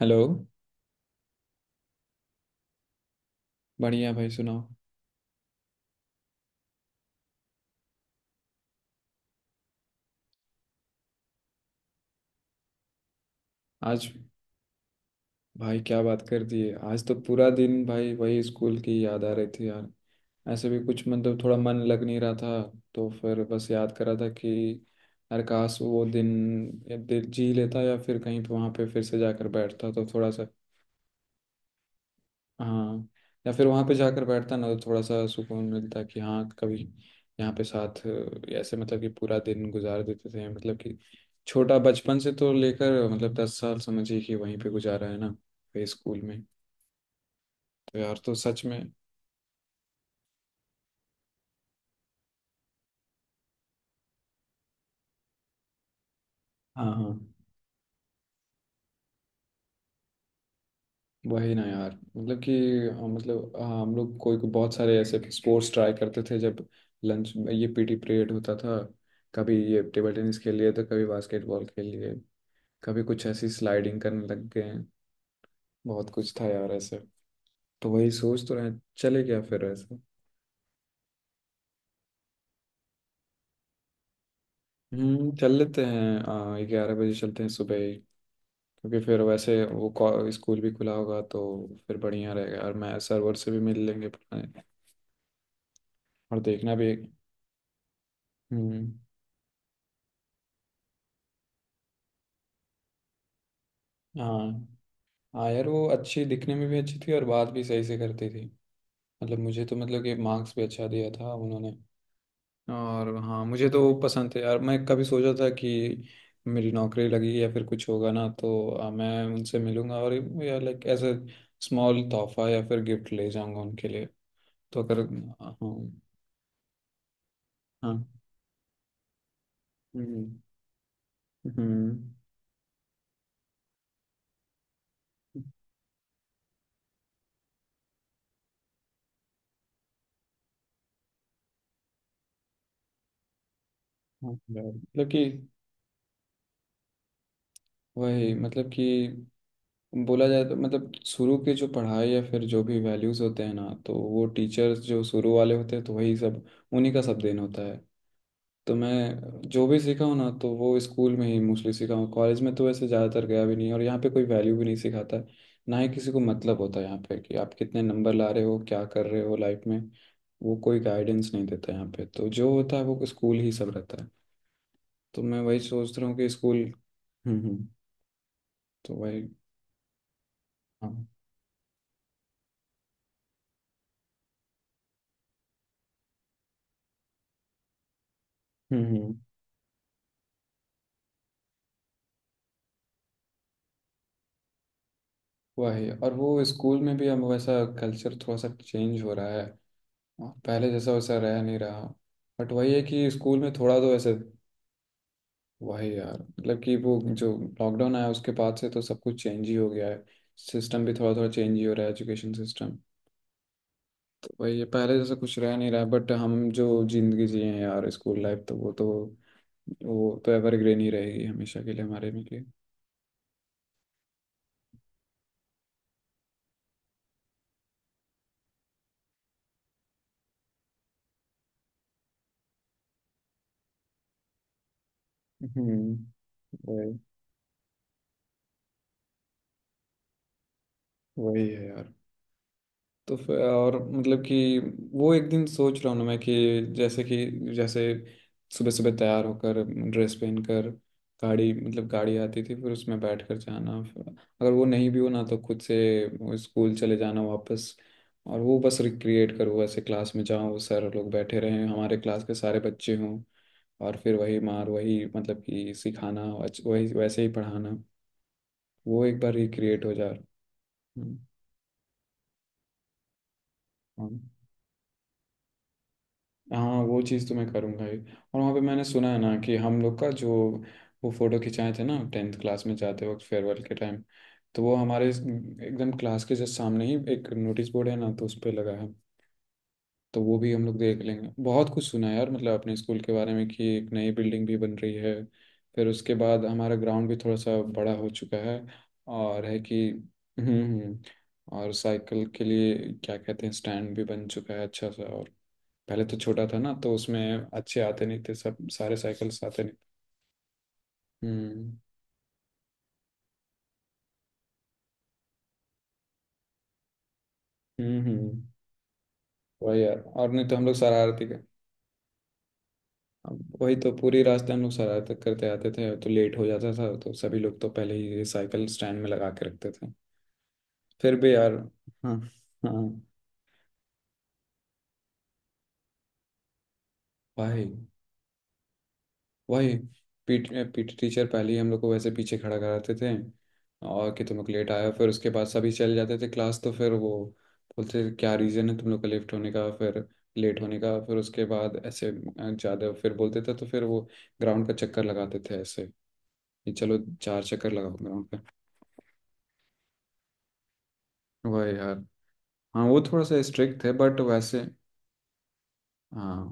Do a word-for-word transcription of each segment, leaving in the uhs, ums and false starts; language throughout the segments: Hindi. हेलो। बढ़िया भाई सुनाओ। आज। भाई क्या बात कर दी है। आज तो पूरा दिन भाई वही स्कूल की याद आ रही थी यार। ऐसे भी कुछ मतलब थोड़ा मन लग नहीं रहा था। तो फिर बस याद कर रहा था कि यार काश वो दिन, या दिन जी लेता या फिर कहीं पे वहाँ पे फिर से जाकर बैठता तो थोड़ा सा। हाँ। या फिर वहां पे जाकर बैठता ना तो थोड़ा सा सुकून मिलता कि हाँ कभी यहाँ पे साथ अ, ऐसे मतलब कि पूरा दिन गुजार देते थे मतलब कि छोटा बचपन से तो लेकर मतलब दस साल समझिए कि वहीं पे गुजारा है ना वही स्कूल में। तो यार तो सच में। हाँ हाँ। वही ना यार। मतलब कि अ, मतलब अ, हम लोग कोई कोई बहुत सारे ऐसे स्पोर्ट्स ट्राई करते थे जब लंच में ये पीटी पीरियड होता था। कभी ये टेबल टेनिस खेल लिए तो कभी बास्केटबॉल खेल लिए। कभी कुछ ऐसी स्लाइडिंग करने लग गए। बहुत कुछ था यार ऐसे। तो वही सोच तो रहे हैं चले क्या फिर ऐसे। हम्म चल लेते हैं ग्यारह बजे चलते हैं सुबह ही। क्योंकि फिर वैसे वो को- स्कूल भी खुला होगा तो फिर बढ़िया रहेगा और मैं सरवर से भी मिल लेंगे पुराने। और देखना भी। हम्म। हाँ हाँ यार वो अच्छी दिखने में भी अच्छी थी और बात भी सही से करती थी। मतलब मुझे तो मतलब कि मार्क्स भी अच्छा दिया था उन्होंने। और हाँ मुझे तो वो पसंद थे यार मैं कभी सोचा था कि मेरी नौकरी लगेगी या फिर कुछ होगा ना तो आ, मैं उनसे मिलूंगा और या लाइक एज ए स्मॉल तोहफा या फिर गिफ्ट ले जाऊंगा उनके लिए। तो अगर हाँ। हाँ। हम्म। हम्म, हाँ यार, मतलब कि वही मतलब कि बोला जाए तो मतलब शुरू के जो पढ़ाई या फिर जो भी वैल्यूज़ होते हैं ना तो वो टीचर्स जो शुरू वाले होते हैं तो वही सब उन्हीं का सब देन होता है। तो मैं जो भी सीखा हूँ ना तो वो स्कूल में ही मोस्टली सीखा हूँ। कॉलेज में तो वैसे ज़्यादातर गया भी नहीं और यहाँ पे कोई वैल्यू भी नहीं सिखाता है। ना ही किसी को मतलब होता है यहाँ पे कि आप कितने नंबर ला रहे हो क्या कर रहे हो लाइफ में। वो कोई गाइडेंस नहीं देता यहाँ पे तो जो होता है वो स्कूल ही सब रहता है। तो मैं वही सोच रहा हूँ कि स्कूल। हम्म हम्म। तो वही। हाँ। हम्म हम्म। वही और वो स्कूल में भी अब वैसा कल्चर थोड़ा सा चेंज हो रहा है। पहले जैसा वैसा रह नहीं रहा। बट वही है कि स्कूल में थोड़ा तो ऐसे। वही यार मतलब कि वो जो लॉकडाउन आया उसके बाद से तो सब कुछ चेंज ही हो गया है। सिस्टम भी थोड़ा थोड़ा चेंज ही हो रहा है एजुकेशन सिस्टम। तो वही है पहले जैसा कुछ रह नहीं रहा है बट हम जो जिंदगी जिए हैं यार स्कूल लाइफ तो वो तो वो तो एवरग्रीन ही रहेगी हमेशा के लिए हमारे में लिए। हम्म। वही। वही है यार। तो फिर और मतलब कि वो एक दिन सोच रहा हूँ ना मैं कि जैसे कि जैसे सुबह सुबह तैयार होकर ड्रेस पहनकर गाड़ी मतलब गाड़ी आती थी फिर उसमें बैठकर जाना फिर अगर वो नहीं भी हो ना तो खुद से वो स्कूल चले जाना वापस। और वो बस रिक्रिएट करूँ ऐसे क्लास में जाऊँ वो सारे लोग बैठे रहें हमारे क्लास के सारे बच्चे हों। और फिर वही मार वही मतलब कि सिखाना वच- वही वैसे ही पढ़ाना। वो एक बार रिक्रिएट हो जा। हम्म, हाँ हाँ। वो चीज़ तो मैं करूँगा ही और वहाँ पे मैंने सुना है ना कि हम लोग का जो वो फ़ोटो खिंचाए थे ना टेंथ क्लास में जाते वक्त फेयरवेल के टाइम। तो वो हमारे इस- एकदम क्लास के जस्ट सामने ही एक नोटिस बोर्ड है ना तो उस पर लगा है। तो वो भी हम लोग देख लेंगे बहुत कुछ सुना है यार मतलब अपने स्कूल के बारे में कि एक नई बिल्डिंग भी बन रही है। फिर उसके बाद हमारा ग्राउंड भी थोड़ा सा बड़ा हो चुका है। और है कि हम्म हम्म, और साइकिल के लिए क्या कहते हैं स्टैंड भी बन चुका है अच्छा सा। और पहले तो छोटा था ना तो उसमें अच्छे आते नहीं थे सब सारे साइकिल्स आते नहीं थे। हम्म हम्म हम्म, वही यार और नहीं तो हम लोग शरारती के। अब वही तो पूरी रास्ते हम लोग शरारत करते आते थे तो लेट हो जाता था तो सभी लोग तो पहले ही साइकिल स्टैंड में लगा के रखते थे। फिर भी यार। हाँ हाँ। भाई वही। पीट पीटी टीचर पहले ही हम लोग को वैसे पीछे खड़ा कराते थे। और कि तुम लोग लेट आए हो फिर उसके बाद सभी चले जाते थे क्लास तो फिर वो बोलते थे, क्या रीज़न है तुम लोग का लेफ्ट होने का फिर लेट होने का फिर उसके बाद ऐसे अ, ज़्यादा फिर बोलते थे तो फिर वो ग्राउंड का चक्कर लगाते थे ऐसे कि चलो चार चक्कर लगाओ ग्राउंड पे। वही यार। हाँ वो थोड़ा सा स्ट्रिक्ट थे बट वैसे। हाँ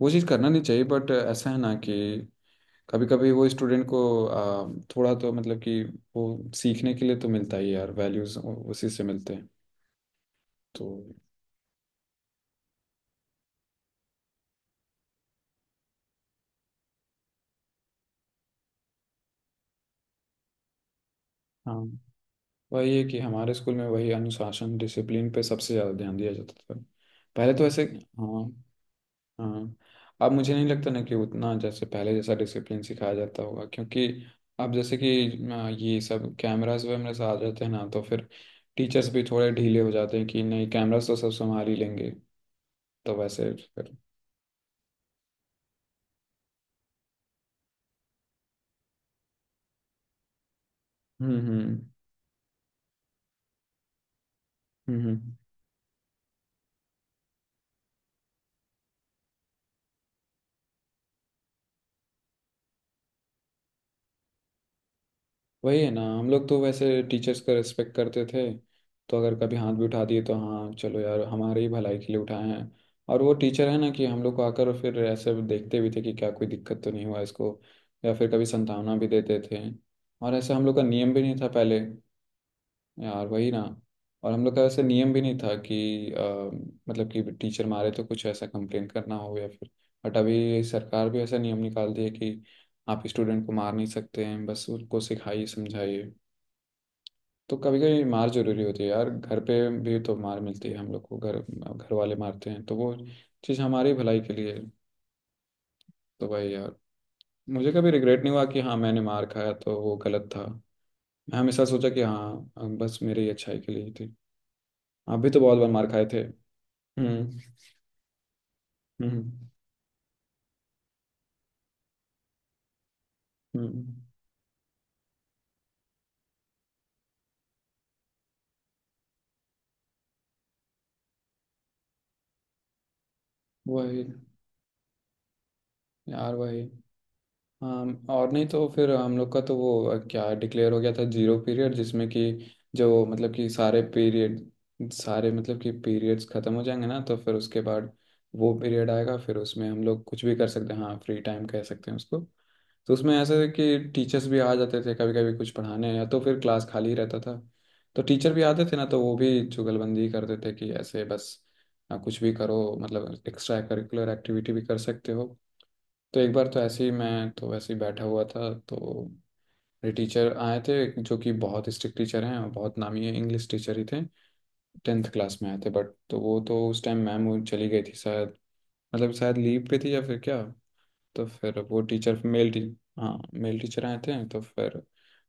वो चीज़ करना नहीं चाहिए बट ऐसा है ना कि कभी कभी वो स्टूडेंट को आ, थोड़ा तो मतलब कि वो सीखने के लिए तो मिलता ही है यार वैल्यूज उसी से मिलते हैं। तो हाँ वही है कि हमारे स्कूल में वही अनुशासन डिसिप्लिन पे सबसे ज़्यादा ध्यान दिया जाता था। पहले तो ऐसे हाँ हाँ। अब मुझे नहीं लगता ना कि उतना जैसे पहले जैसा डिसिप्लिन सिखाया जाता होगा क्योंकि अब जैसे कि आ, ये सब कैमरास वैमरास आ जाते हैं ना तो फिर टीचर्स भी थोड़े ढीले हो जाते हैं कि नहीं कैमरास तो सब संभाल ही लेंगे। तो वैसे फिर हम्म हम्म हम्म हम्म। वही है ना हम लोग तो वैसे टीचर्स का रिस्पेक्ट करते थे तो अगर कभी हाथ भी उठा दिए तो हाँ चलो यार हमारे ही भलाई के लिए उठाए हैं। और वो टीचर है ना कि हम लोग को आकर फिर ऐसे देखते भी थे कि क्या कोई दिक्कत तो नहीं हुआ इसको या फिर कभी संतावना भी देते थे। और ऐसे हम लोग का नियम भी नहीं था पहले। यार वही ना। और हम लोग का ऐसे नियम भी नहीं था कि अ, मतलब कि टीचर मारे तो कुछ ऐसा कंप्लेन करना हो या फिर बट अभी सरकार भी ऐसा नियम निकाल दी है कि आप स्टूडेंट को मार नहीं सकते हैं बस उनको सिखाइए समझाइए। तो कभी कभी मार जरूरी होती है यार घर पे भी तो मार मिलती है हम लोग को घर। घर वाले मारते हैं तो वो चीज़ हमारी भलाई के लिए है। तो भाई यार मुझे कभी रिग्रेट नहीं हुआ कि हाँ मैंने मार खाया तो वो गलत था। मैं हमेशा सोचा कि हाँ अब बस मेरी ही अच्छाई के लिए ही थी। आप भी तो बहुत बार मार खाए थे। हम्म हम्म हम्म। वही यार। वही हाँ और नहीं तो फिर हम लोग का तो वो अ, क्या डिक्लेयर हो गया था जीरो पीरियड जिसमें कि जो मतलब कि सारे पीरियड सारे मतलब कि पीरियड्स खत्म हो जाएंगे ना तो फिर उसके बाद वो पीरियड आएगा फिर उसमें हम लोग कुछ भी कर सकते हैं हाँ फ्री टाइम कह सकते हैं उसको। तो उसमें ऐसा है कि टीचर्स भी आ जाते थे कभी कभी कुछ पढ़ाने या तो फिर क्लास खाली रहता था तो टीचर भी आते थे ना तो वो भी चुगलबंदी करते थे कि ऐसे बस आ, कुछ भी करो मतलब एक्स्ट्रा करिकुलर एक्टिविटी भी कर सकते हो। तो एक बार तो ऐसे ही मैं तो वैसे ही बैठा हुआ था तो मेरे टीचर आए थे जो कि बहुत स्ट्रिक्ट टीचर हैं और बहुत नामी है, इंग्लिश टीचर ही थे। टेंथ क्लास में आए थे बट तो वो तो उस टाइम मैम वो चली गई थी शायद। मतलब शायद लीव पे थी या फिर क्या। तो फिर वो टीचर मेल टी हाँ मेल टीचर आए थे तो फिर।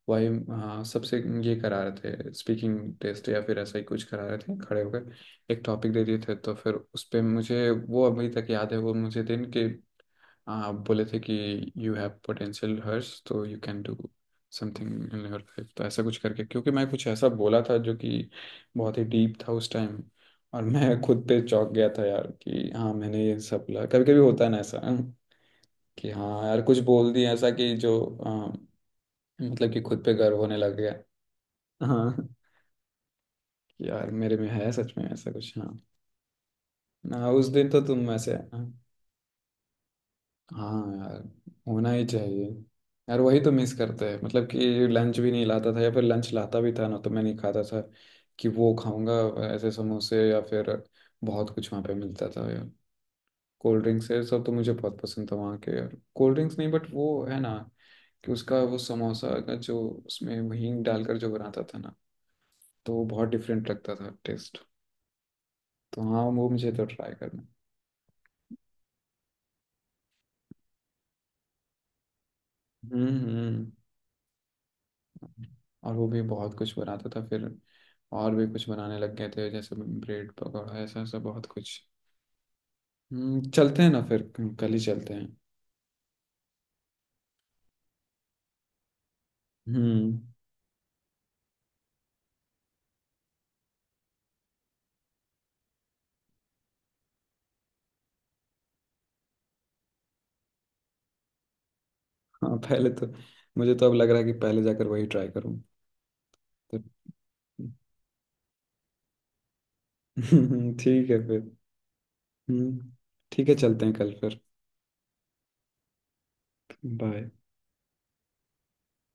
वही। हाँ सबसे ये करा रहे थे स्पीकिंग टेस्ट या फिर ऐसा ही कुछ करा रहे थे खड़े होकर एक टॉपिक दे दिए थे तो फिर उस पे मुझे वो अभी तक याद है वो मुझे दिन के। हाँ, आप बोले थे कि यू हैव पोटेंशियल हर्ष तो you can do something in your life तो ऐसा कुछ करके क्योंकि मैं कुछ ऐसा बोला था जो कि बहुत ही डीप था उस टाइम। और मैं खुद पे चौंक गया था यार कि हाँ मैंने ये सब बोला कभी कभी होता है ना ऐसा कि हाँ यार कुछ बोल दिया ऐसा कि जो अ, मतलब कि खुद पे गर्व होने लग गया। हाँ कि यार मेरे में है सच में ऐसा कुछ हाँ। हाँ, उस दिन तो तुम ऐसे हाँ। हाँ यार होना ही चाहिए। यार वही तो मिस करते हैं मतलब कि लंच भी नहीं लाता था या फिर लंच लाता भी था ना तो मैं नहीं खाता था कि वो खाऊंगा ऐसे समोसे या फिर बहुत कुछ वहाँ पे मिलता था यार। कोल्ड ड्रिंक्स है सब तो मुझे बहुत पसंद था वहाँ के यार कोल्ड ड्रिंक्स नहीं बट वो है ना कि उसका वो समोसा का जो उसमें हींग डालकर जो बनाता था ना तो वो बहुत डिफरेंट लगता था टेस्ट। तो हाँ वो मुझे तो ट्राई करना। हम्म हम्म। और वो भी बहुत कुछ बनाता था फिर और भी कुछ बनाने लग गए थे जैसे ब्रेड पकौड़ा ऐसा ऐसा बहुत कुछ। हम्म चलते हैं ना फिर कल ही चलते हैं। हम्म। हाँ पहले तो मुझे तो अब लग रहा है कि पहले जाकर वही ट्राई करूँ। तो ठीक है फिर। हम्म। ठीक है चलते हैं कल फिर। बाय।